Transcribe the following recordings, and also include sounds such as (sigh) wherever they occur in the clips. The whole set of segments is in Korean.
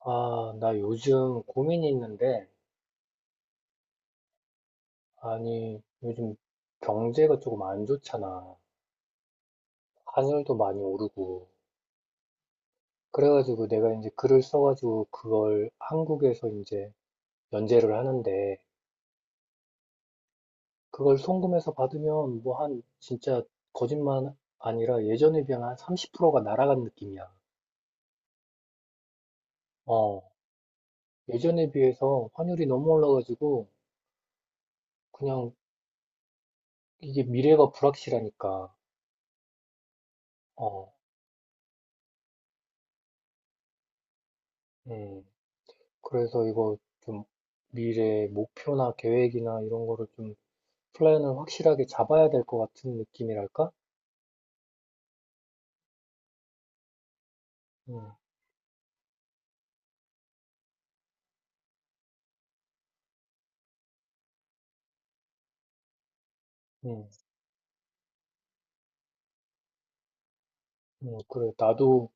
아, 나 요즘 고민이 있는데, 아니, 요즘 경제가 조금 안 좋잖아. 환율도 많이 오르고. 그래가지고 내가 이제 글을 써가지고 그걸 한국에서 이제 연재를 하는데, 그걸 송금해서 받으면 뭐 한, 진짜 거짓말 아니라 예전에 비하면 한 30%가 날아간 느낌이야. 어, 예전에 비해서 환율이 너무 올라가지고, 그냥 이게 미래가 불확실하니까. 어, 음. 그래서 이거 좀 미래 목표나 계획이나 이런 거를 좀 플랜을 확실하게 잡아야 될 것 같은 느낌이랄까? 음, 음, 그래. 나도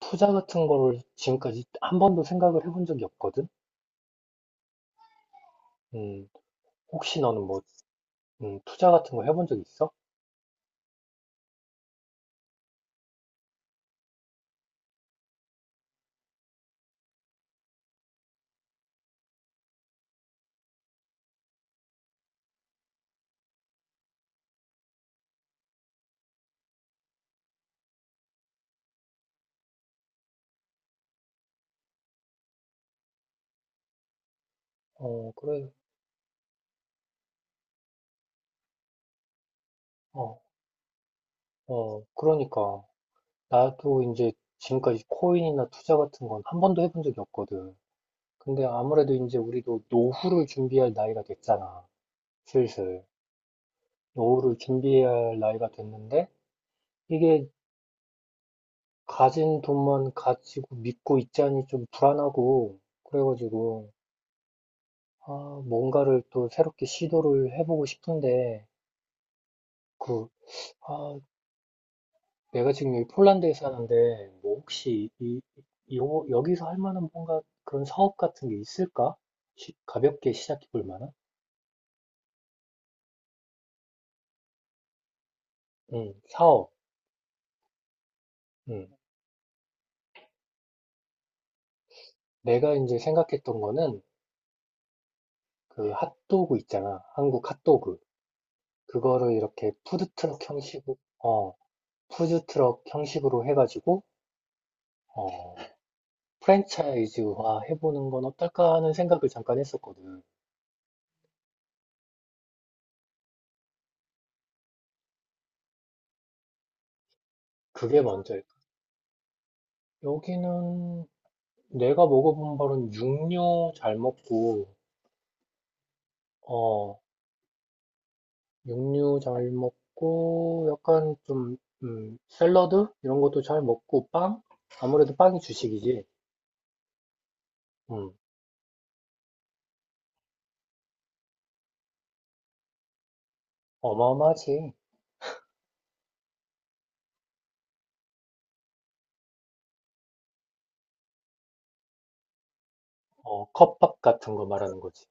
투자 같은 거를 지금까지 한 번도 생각을 해본 적이 없거든? 음, 혹시 너는 뭐, 투자 같은 거 해본 적 있어? 어, 그래. 어, 어, 그러니까. 나도 이제 지금까지 코인이나 투자 같은 건 한 번도 해본 적이 없거든. 근데 아무래도 이제 우리도 노후를 준비할 나이가 됐잖아. 슬슬. 노후를 준비해야 할 나이가 됐는데 이게 가진 돈만 가지고 믿고 있자니 좀 불안하고 그래가지고 아, 뭔가를 또 새롭게 시도를 해보고 싶은데 그 아, 내가 지금 여기 폴란드에 사는데 뭐 혹시 여기서 할 만한 뭔가 그런 사업 같은 게 있을까? 가볍게 시작해 볼 만한? 응 사업. 응. 내가 이제 생각했던 거는 그 핫도그 있잖아. 한국 핫도그. 그거를 이렇게 푸드트럭 형식으로, 어, 푸드트럭 형식으로 해가지고, 어, 프랜차이즈화 해보는 건 어떨까 하는 생각을 잠깐 했었거든. 그게 먼저일 거야. 여기는 내가 먹어본 바로는 육류 잘 먹고, 어, 육류 잘 먹고, 약간 좀, 샐러드? 이런 것도 잘 먹고, 빵? 아무래도 빵이 주식이지. 음, 어마어마하지. 어, 컵밥 같은 거 말하는 거지.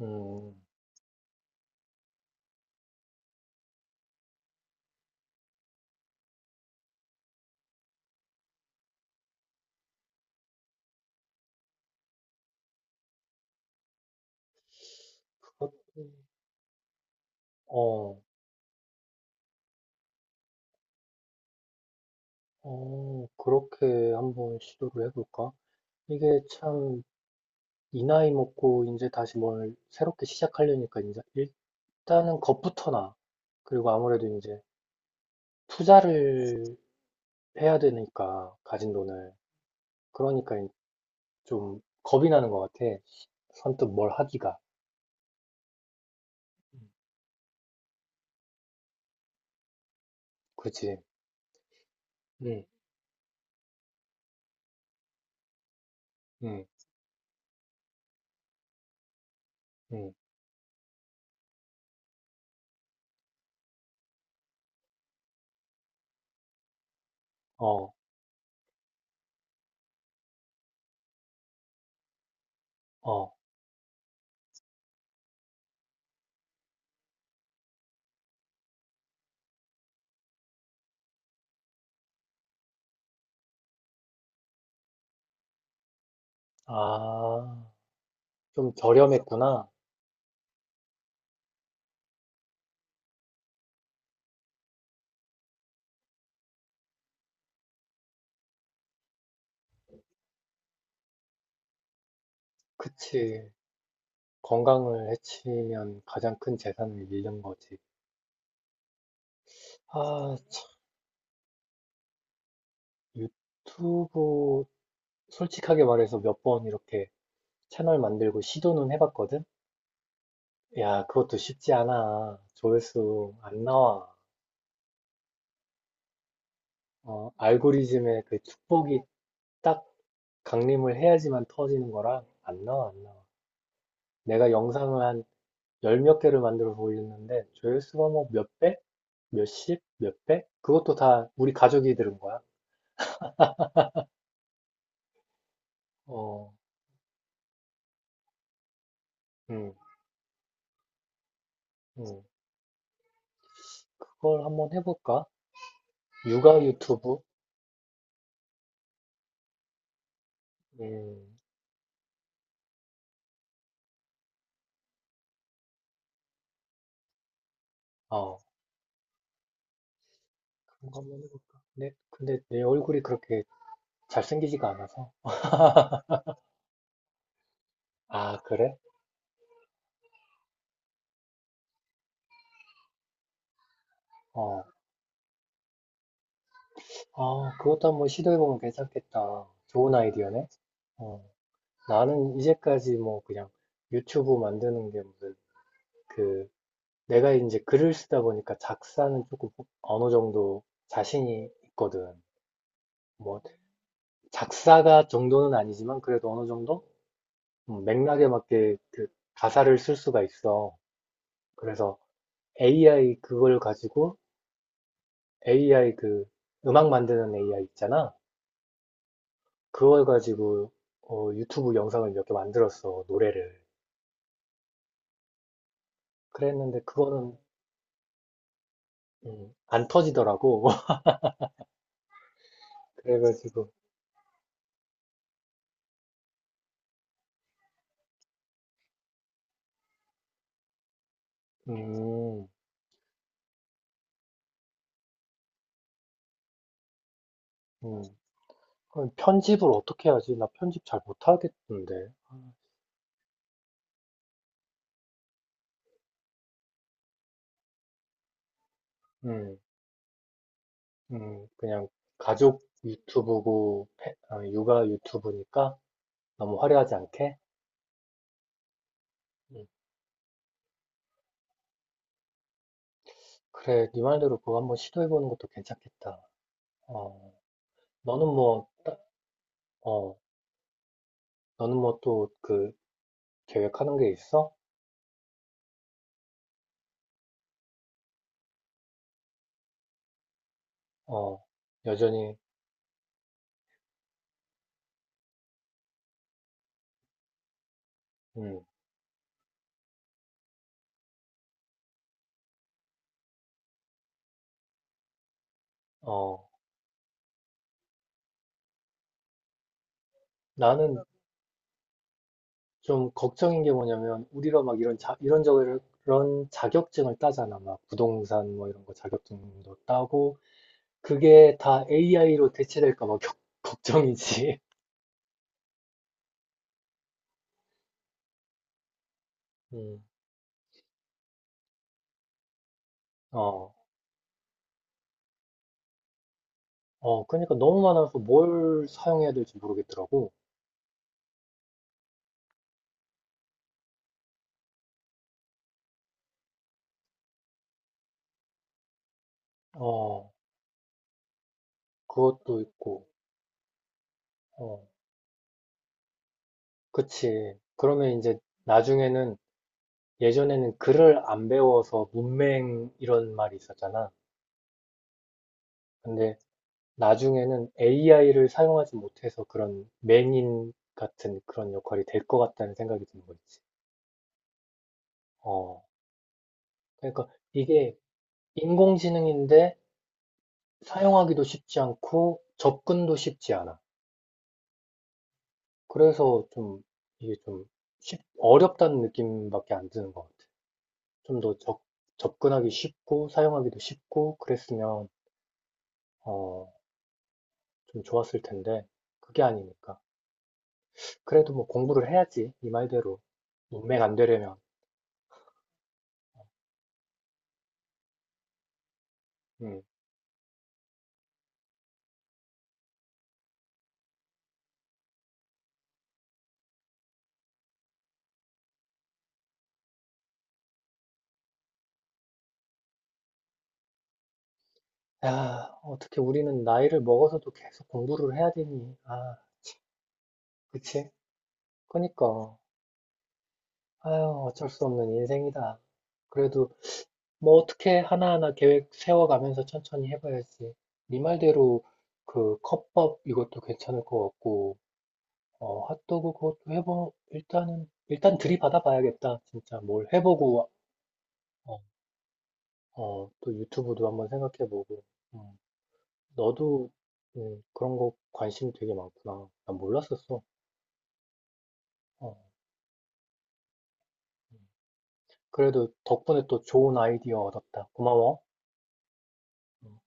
음, 그것도, 어, 그렇게 한번 시도를 해볼까? 이게 참, 이 나이 먹고 이제 다시 뭘 새롭게 시작하려니까 이제 일단은 겁부터 나. 그리고 아무래도 이제 투자를 해야 되니까, 가진 돈을. 그러니까 좀 겁이 나는 것 같아. 선뜻 뭘 하기가. 그치? 응, 응, 응. 어, 어. 아, 좀 저렴했구나. 그치. 건강을 해치면 가장 큰 재산을 잃는 거지. 아, 참, 유튜브 솔직하게 말해서 몇 번 이렇게 채널 만들고 시도는 해봤거든? 야, 그것도 쉽지 않아. 조회수 안 나와. 어, 알고리즘의 그 축복이 딱 강림을 해야지만 터지는 거라 안 나와, 안 나와. 내가 영상을 한 열몇 개를 만들어서 올렸는데 조회수가 뭐 몇 백? 몇십? 몇 백? 그것도 다 우리 가족이 들은 거야. 어, 음, 음. 그걸 한번 해볼까? 육아 유튜브? 음. 어. 거 한번 해볼까? 근데 내 얼굴이 그렇게 잘생기지가 않아서. 아, 그래? 어. 아, 그것도 한번 시도해보면 괜찮겠다. 좋은 아이디어네. 어. 나는 이제까지 뭐 그냥 유튜브 만드는 게 무슨 그 내가 이제 글을 쓰다 보니까 작사는 조금 어느 정도 자신이 있거든. 뭐 작사가 정도는 아니지만 그래도 어느 정도 맥락에 맞게 그 가사를 쓸 수가 있어. 그래서 AI 그걸 가지고 AI 그 음악 만드는 AI 있잖아. 그걸 가지고 유튜브 영상을 몇 개 만들었어, 노래를. 그랬는데 그거는 안 터지더라고. (laughs) 그래가지고 음, 음. 그럼 편집을 어떻게 하지? 나 편집 잘 못하겠던데. 음, 그냥 가족 유튜브고 육아 유튜브니까 너무 화려하지 않게. 음, 그래, 네 말대로 그거 한번 시도해보는 것도 괜찮겠다. 어, 너는 뭐, 어, 너는 뭐또그 계획하는 게 있어? 어, 여전히, 음, 어, 나는 좀 걱정인 게 뭐냐면, 우리가 막 이런 이런저런 자격증을 따잖아. 막 부동산 뭐 이런 거 자격증도 따고, 그게 다 AI로 대체될까 봐 걱정이지. (laughs) 음, 어, 그러니까 너무 많아서 뭘 사용해야 될지 모르겠더라고. 어, 그것도 있고, 어, 그치. 그러면 이제 나중에는 예전에는 글을 안 배워서 문맹 이런 말이 있었잖아. 근데 나중에는 AI를 사용하지 못해서 그런 맹인 같은 그런 역할이 될 것 같다는 생각이 드는 거지. 어, 그러니까 이게 인공지능인데 사용하기도 쉽지 않고 접근도 쉽지 않아. 그래서 좀 이게 좀 어렵다는 느낌밖에 안 드는 것 같아. 좀 더 접근하기 쉽고 사용하기도 쉽고 그랬으면 어, 좀 좋았을 텐데 그게 아니니까. 그래도 뭐 공부를 해야지 이 말대로 문맥안 되려면. 음. 야, 어떻게 우리는 나이를 먹어서도 계속 공부를 해야 되니? 아, 그치? 그니까. 아유, 어쩔 수 없는 인생이다. 그래도 뭐 어떻게 하나하나 계획 세워가면서 천천히 해봐야지. 네 말대로 그 컵밥 이것도 괜찮을 것 같고, 어, 핫도그 그것도 일단은, 일단 들이받아 봐야겠다. 진짜 뭘 해보고, 어, 어, 또 유튜브도 한번 생각해보고, 음, 너도 그런 거 관심이 되게 많구나. 난 몰랐었어. 어, 음. 그래도 덕분에 또 좋은 아이디어 얻었다. 고마워. 음,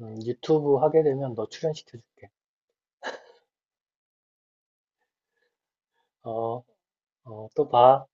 유튜브 하게 되면 너 출연시켜줄게. 어, 어, 또 봐.